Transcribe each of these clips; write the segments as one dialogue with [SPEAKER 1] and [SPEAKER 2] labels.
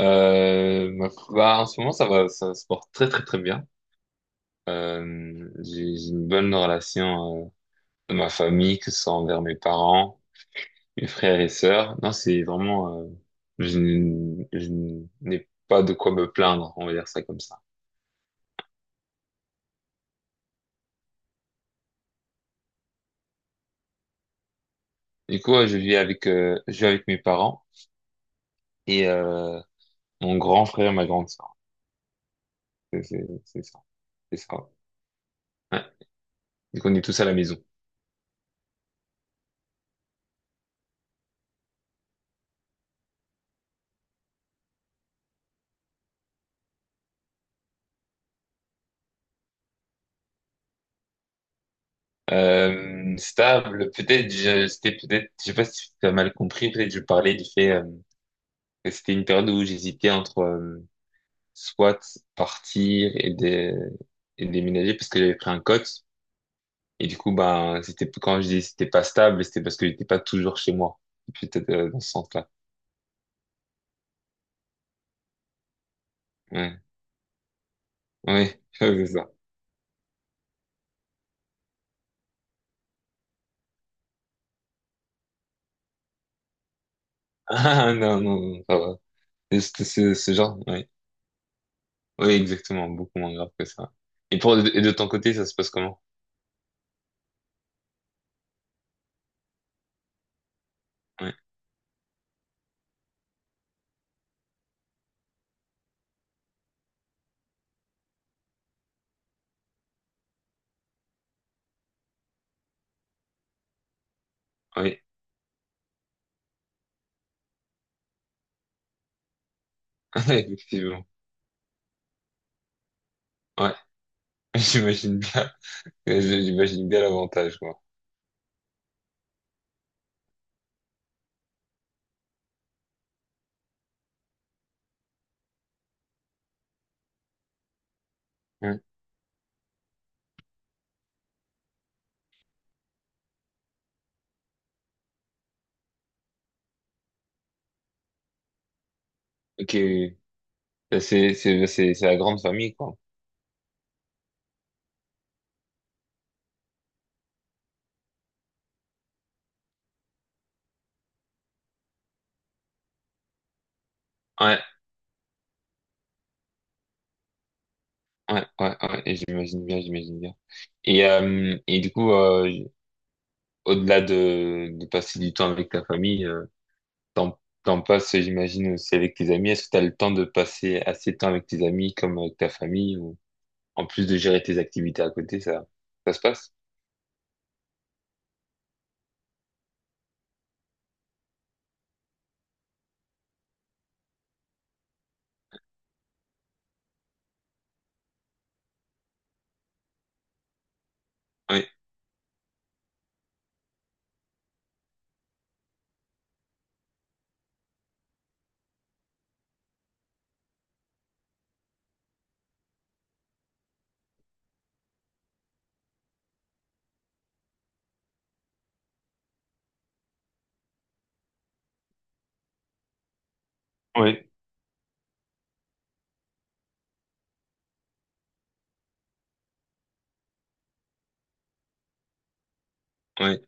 [SPEAKER 1] Euh, ma En ce moment, ça va, ça se porte très très très bien. J'ai une bonne relation de ma famille, que ce soit envers mes parents, mes frères et sœurs. Non, c'est vraiment, je n'ai pas de quoi me plaindre, on va dire ça comme ça. Du coup, ouais, je vis avec mes parents et mon grand frère et ma grande sœur. C'est ça, c'est ça. Ouais, et qu'on est tous à la maison. Stable, peut-être, c'était peut-être, je sais pas si tu as mal compris, peut-être je parlais du fait que c'était une période où j'hésitais entre soit partir et, et déménager parce que j'avais pris un cote. Et du coup, ben, c'était, quand je dis c'était pas stable, c'était parce que j'étais pas toujours chez moi. Peut-être dans ce sens-là. Ouais, ouais, c'est ça. Ah, non, non, non, ça va. C'est ce genre, oui. Oui, exactement, beaucoup moins grave que ça. Et pour, et de ton côté, ça se passe comment? Oui, oui, effectivement. Ouais, j'imagine bien. J'imagine bien l'avantage, quoi. Ouais. Ok, oui. C'est, bah, c'est la grande famille, quoi. Ouais, ouais, ouais, ouais, et j'imagine bien, j'imagine bien. Et du coup, au-delà de passer du temps avec ta famille, T'en, t'en passes, j'imagine, aussi avec tes amis. Est-ce que t'as le temps de passer assez de temps avec tes amis comme avec ta famille, ou en plus de gérer tes activités à côté, ça se passe? Oui, oui, oui,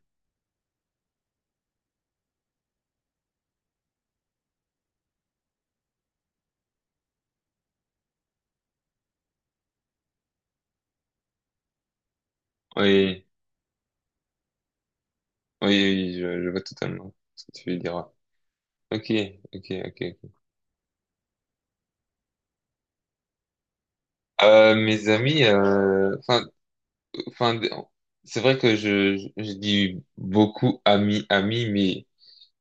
[SPEAKER 1] oui, oui, oui, je vois totalement ce que tu veux dire. Ouais. Ok, ok, ok. Ok. Mes amis, enfin, enfin, c'est vrai que je dis beaucoup amis, amis, mais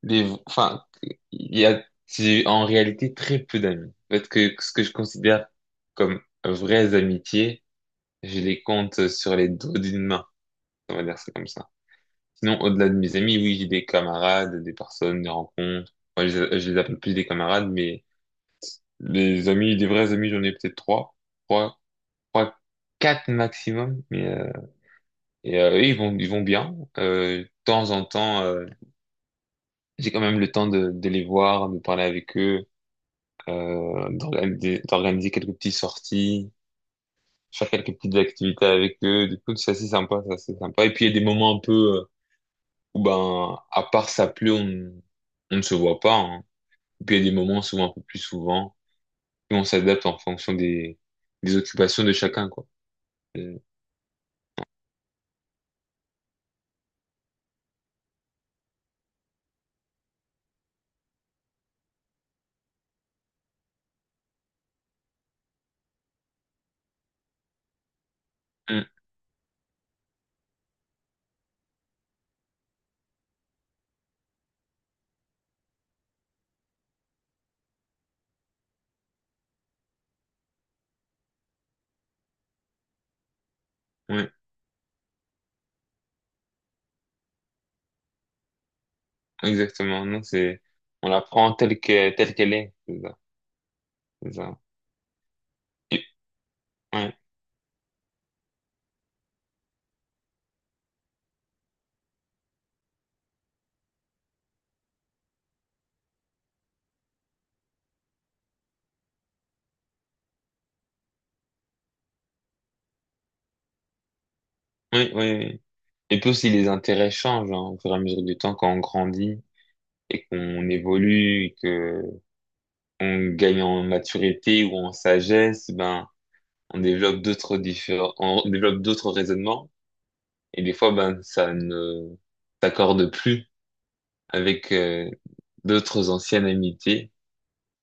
[SPEAKER 1] enfin, il y a, j'ai en réalité très peu d'amis. Parce que ce que je considère comme vraies amitiés, je les compte sur les doigts d'une main. On va dire ça comme ça. Sinon, au-delà de mes amis, oui, j'ai des camarades, des personnes, des rencontres. Moi, je les appelle plus des camarades, mais des amis, des vrais amis, j'en ai peut-être trois, trois, trois, quatre maximum. Eux, ils vont bien. De temps en temps, j'ai quand même le temps de les voir, de parler avec eux d'organiser quelques petites sorties, faire quelques petites activités avec eux. Du coup, c'est assez sympa, c'est assez sympa. Et puis, il y a des moments un peu où, ben, à part ça pleut, on ne se voit pas, hein. Et puis, il y a des moments, souvent un peu plus souvent, où on s'adapte en fonction des occupations de chacun, quoi. Euh, hum, ouais, exactement. Non, c'est, on la prend telle que, telle qu'elle est. C'est ça, c'est ça. Et, ouais, ouais, ouais. Ouais. Et puis aussi, les intérêts changent, hein, au fur et à mesure du temps quand on grandit et qu'on évolue, que on gagne en maturité ou en sagesse, ben on développe d'autres différents, on développe d'autres raisonnements, et des fois ben ça ne s'accorde plus avec d'autres anciennes amitiés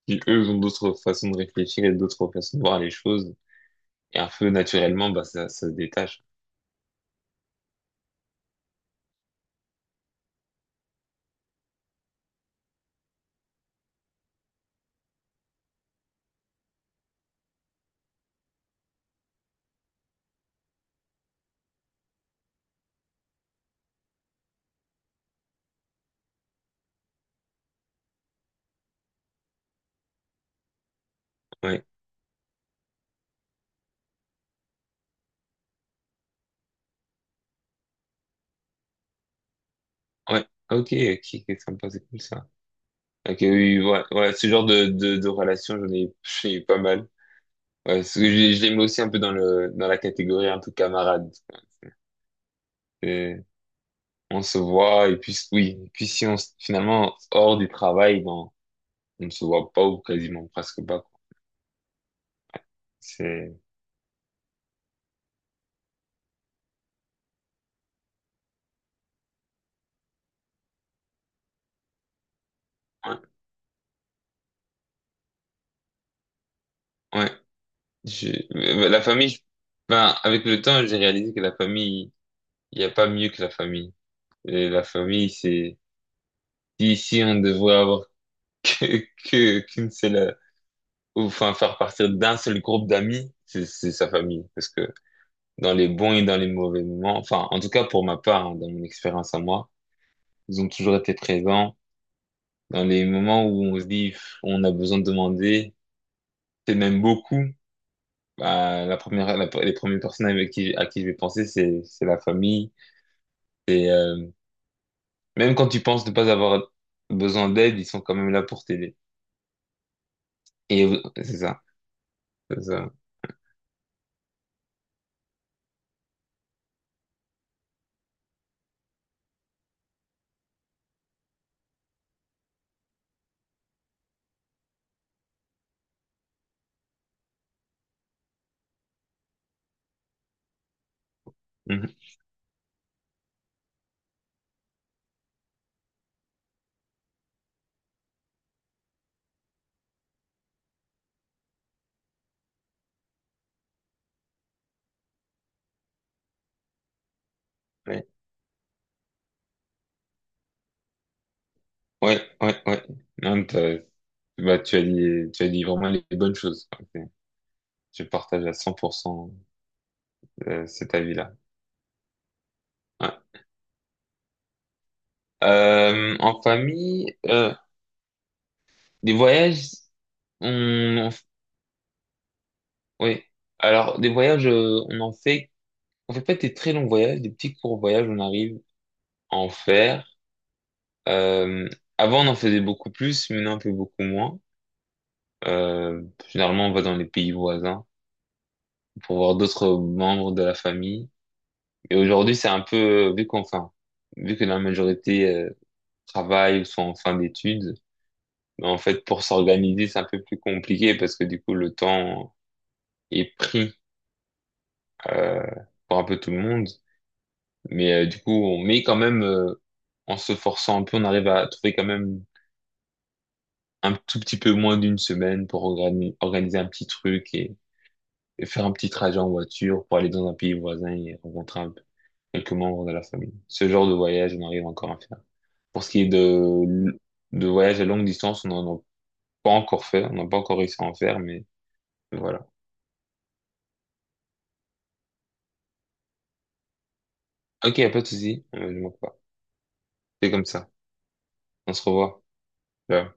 [SPEAKER 1] qui eux ont d'autres façons de réfléchir et d'autres façons de voir les choses, et un peu naturellement ben ça se détache. Ouais, ouais, ok, ok, c'est sympa, c'est cool ça. Ok, oui, ouais, ouais, ce genre de relation j'ai eu pas mal. Ouais, parce que je les mets aussi un peu dans le dans la catégorie un peu camarade. Et on se voit et puis oui, et puis si finalement hors du travail, non, on ne se voit pas ou quasiment presque pas, quoi. C'est ouais, ouais. Je- la famille, ben avec le temps, j'ai réalisé que la famille, il n'y a pas mieux que la famille. Et la famille, c'est, si si on devrait avoir que qu'une seule, ou, enfin faire partir d'un seul groupe d'amis, c'est sa famille, parce que dans les bons et dans les mauvais moments. Enfin, en tout cas, pour ma part, hein, dans mon expérience à moi, ils ont toujours été présents dans les moments où on se dit, pff, on a besoin de demander. C'est même beaucoup. Bah, la première, les premières personnes avec qui, à qui je vais penser, c'est la famille. Et même quand tu penses ne pas avoir besoin d'aide, ils sont quand même là pour t'aider. Et c'est ça, c'est ça. Mhm. Ouais, ouais, ouais, ouais. Non, bah, tu as dit vraiment les bonnes choses. Ok. Je partage à 100% cet avis-là. Ouais. En famille, des voyages, on, en f- ouais. Alors, des voyages, on en fait, on fait pas des très longs voyages, des petits courts voyages, on arrive à en faire. Euh, Avant, on en faisait beaucoup plus, maintenant, on fait beaucoup moins. Euh, Généralement, on va dans les pays voisins pour voir d'autres membres de la famille. Et aujourd'hui, c'est un peu, vu qu'enfin, vu que la majorité travaille ou sont en fin d'études, mais en fait, pour s'organiser, c'est un peu plus compliqué parce que du coup, le temps est pris euh, pour un peu tout le monde. Du coup, on met quand même, en se forçant un peu, on arrive à trouver quand même un tout petit peu moins d'une semaine pour organiser un petit truc et faire un petit trajet en voiture pour aller dans un pays voisin et rencontrer un peu quelques membres de la famille. Ce genre de voyage, on arrive encore à faire. Pour ce qui est de voyage à longue distance, on n'en a pas encore fait, on n'a pas encore réussi à en faire, mais voilà. Ok, y a pas de souci, je manque pas. C'est comme ça. On se revoit. Ciao.